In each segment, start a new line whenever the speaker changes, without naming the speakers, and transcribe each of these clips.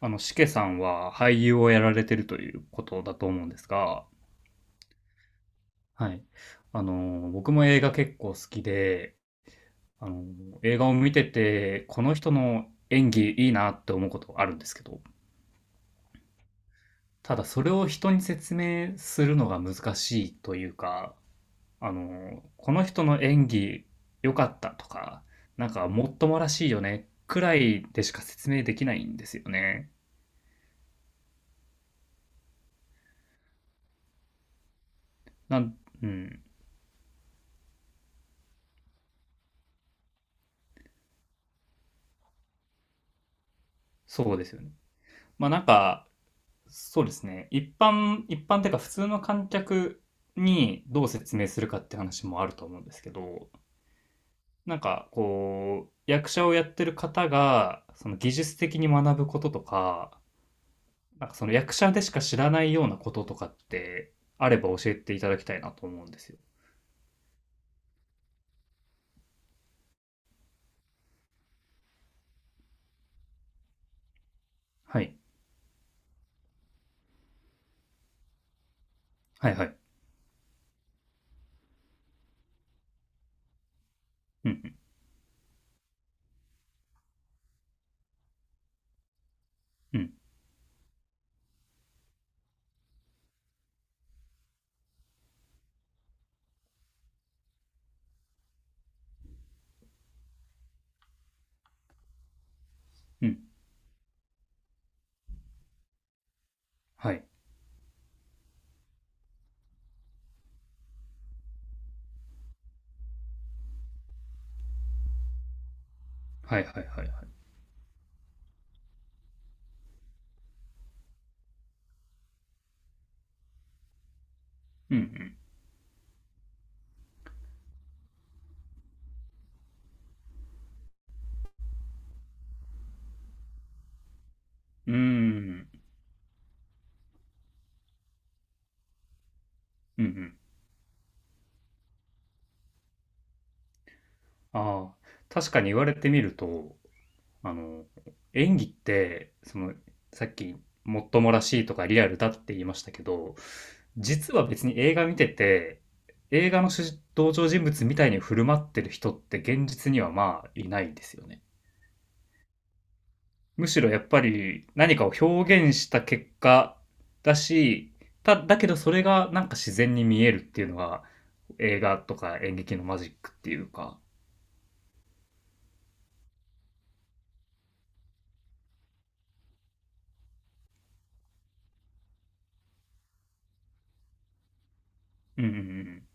しけさんは俳優をやられてるということだと思うんですが、はい。僕も映画結構好きで、あの、映画を見てて、この人の演技いいなって思うことあるんですけど、ただそれを人に説明するのが難しいというか、この人の演技良かったとか、なんかもっともらしいよね、くらいでしか説明できないんですよね。なん、うん、そうですよね。まあなんか、そうですね。一般っていうか普通の観客にどう説明するかって話もあると思うんですけど、なんかこう、役者をやってる方が、その技術的に学ぶこととか、なんかその役者でしか知らないようなこととかってあれば教えていただきたいなと思うんですよ。はい。はいはい。うんうんうんうん。はい。はいはいはいはい。うんうん。うーん。うんうん。ああ。確かに言われてみると、あの、演技って、その、さっき、もっともらしいとかリアルだって言いましたけど、実は別に映画見てて、映画の主人登場人物みたいに振る舞ってる人って現実にはまあいないですよね。むしろやっぱり何かを表現した結果だし、だけどそれがなんか自然に見えるっていうのが映画とか演劇のマジックっていうか。うんうんうん。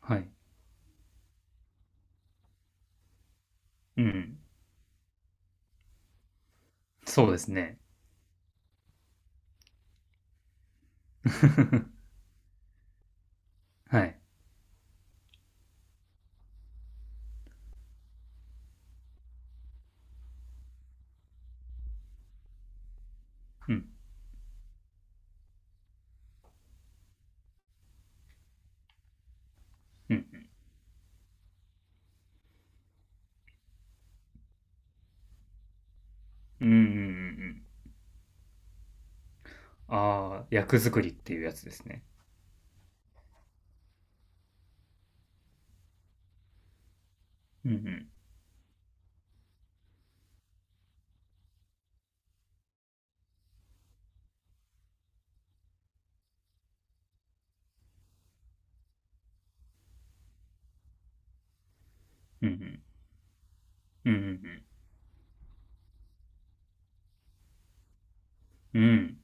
はい。うん。そうですね。はい。うん。うん。うんうんうんうん。ああ、役作りっていうやつですね。うんうん。うんうん。うんうんうん。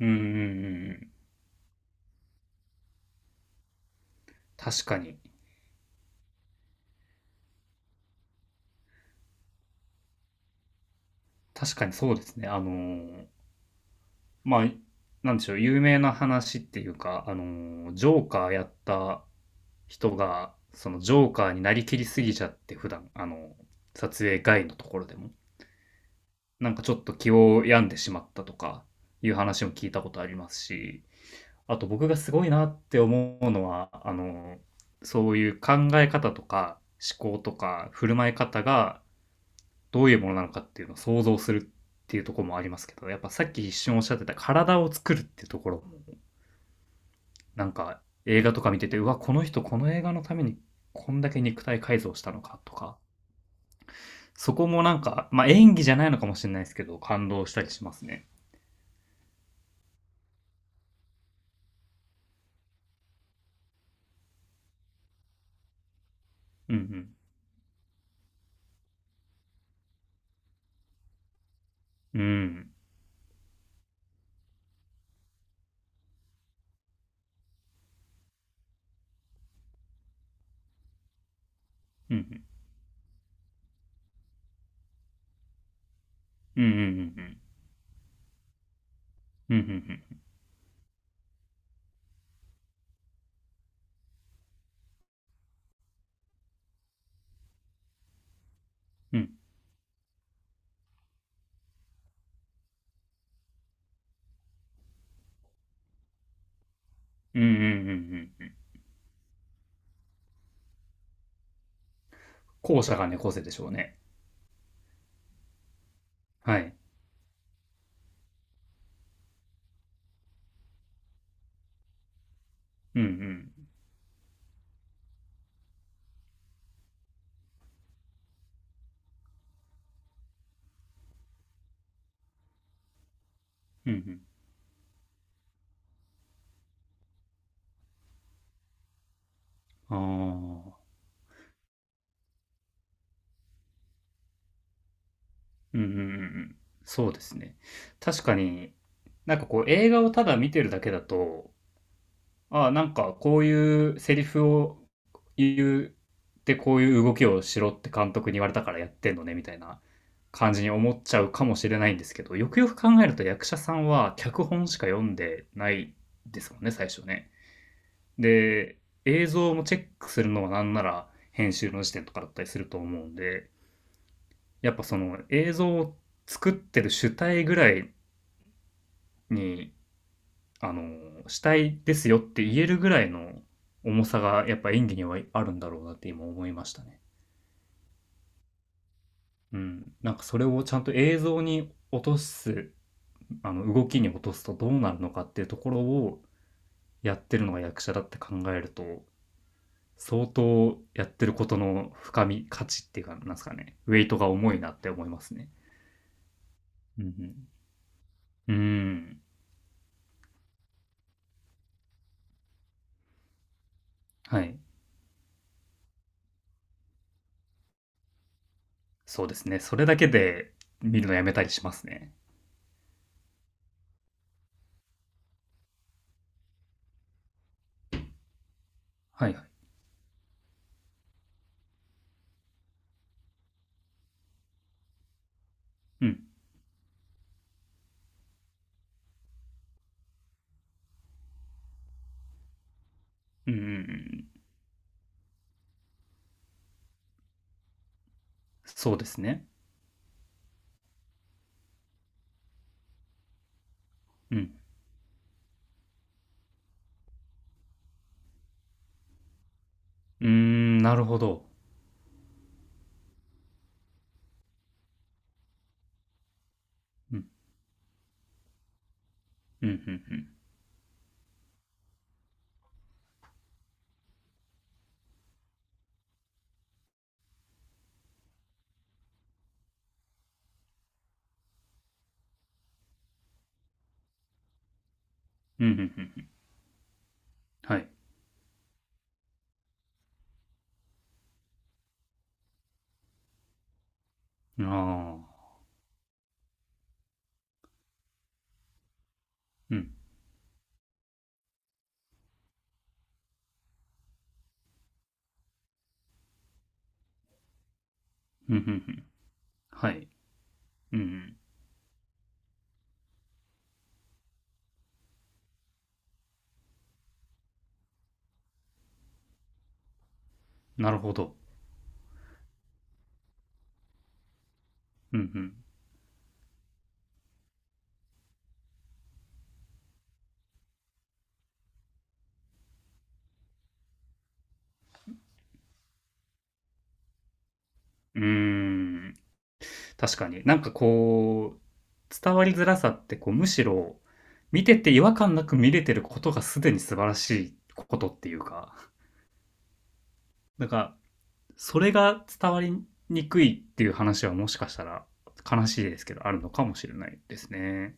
うんうんうんうん。確かに。確かにそうですね。まあ、なんでしょう、有名な話っていうか、ジョーカーやった人が、そのジョーカーになりきりすぎちゃって、普段、撮影外のところでも、なんかちょっと気を病んでしまったとか、いう話も聞いたことありますし、あと僕がすごいなって思うのは、そういう考え方とか思考とか振る舞い方がどういうものなのかっていうのを想像するっていうところもありますけど、やっぱさっき一瞬おっしゃってた体を作るっていうところ、なんか映画とか見てて、うわ、この人この映画のためにこんだけ肉体改造したのかとか、そこもなんか、まあ演技じゃないのかもしれないですけど、感動したりしますね。うんうん。うん。うんうん。うんうんうんうん。うんうんうん。うんうんうんうんうん。後者が猫背でしょうね。はい。うんうん。うんうん。ああ。うんうんうんうん。そうですね。確かに、なんかこう映画をただ見てるだけだと、ああ、なんかこういうセリフを言うでこういう動きをしろって監督に言われたからやってんのねみたいな感じに思っちゃうかもしれないんですけど、よくよく考えると役者さんは脚本しか読んでないですもんね、最初ね。で、映像もチェックするのはなんなら編集の時点とかだったりすると思うんで、やっぱその映像を作ってる主体ぐらいに、主体ですよって言えるぐらいの重さがやっぱ演技にはあるんだろうなって今思いましたね。うん。なんかそれをちゃんと映像に落とす、動きに落とすとどうなるのかっていうところをやってるのが役者だって考えると、相当やってることの深み、価値っていうか、なんですかね、ウェイトが重いなって思いますね。うん、うん。うん。はい。そうですね。それだけで見るのやめたりしますね。はいはい。うん。うんうんうん。そうですね。うん。うーん、なるほど。うん。うんうんうん。うんうんうん。はい。ああ。うん。うんうんうん。はい。うんうん。なるほど。うんうん。うーん。確かに。なんかこう、伝わりづらさってこう、むしろ、見てて違和感なく見れてることがすでに素晴らしいことっていうか、なんか、それが伝わりにくいっていう話はもしかしたら悲しいですけど、あるのかもしれないですね。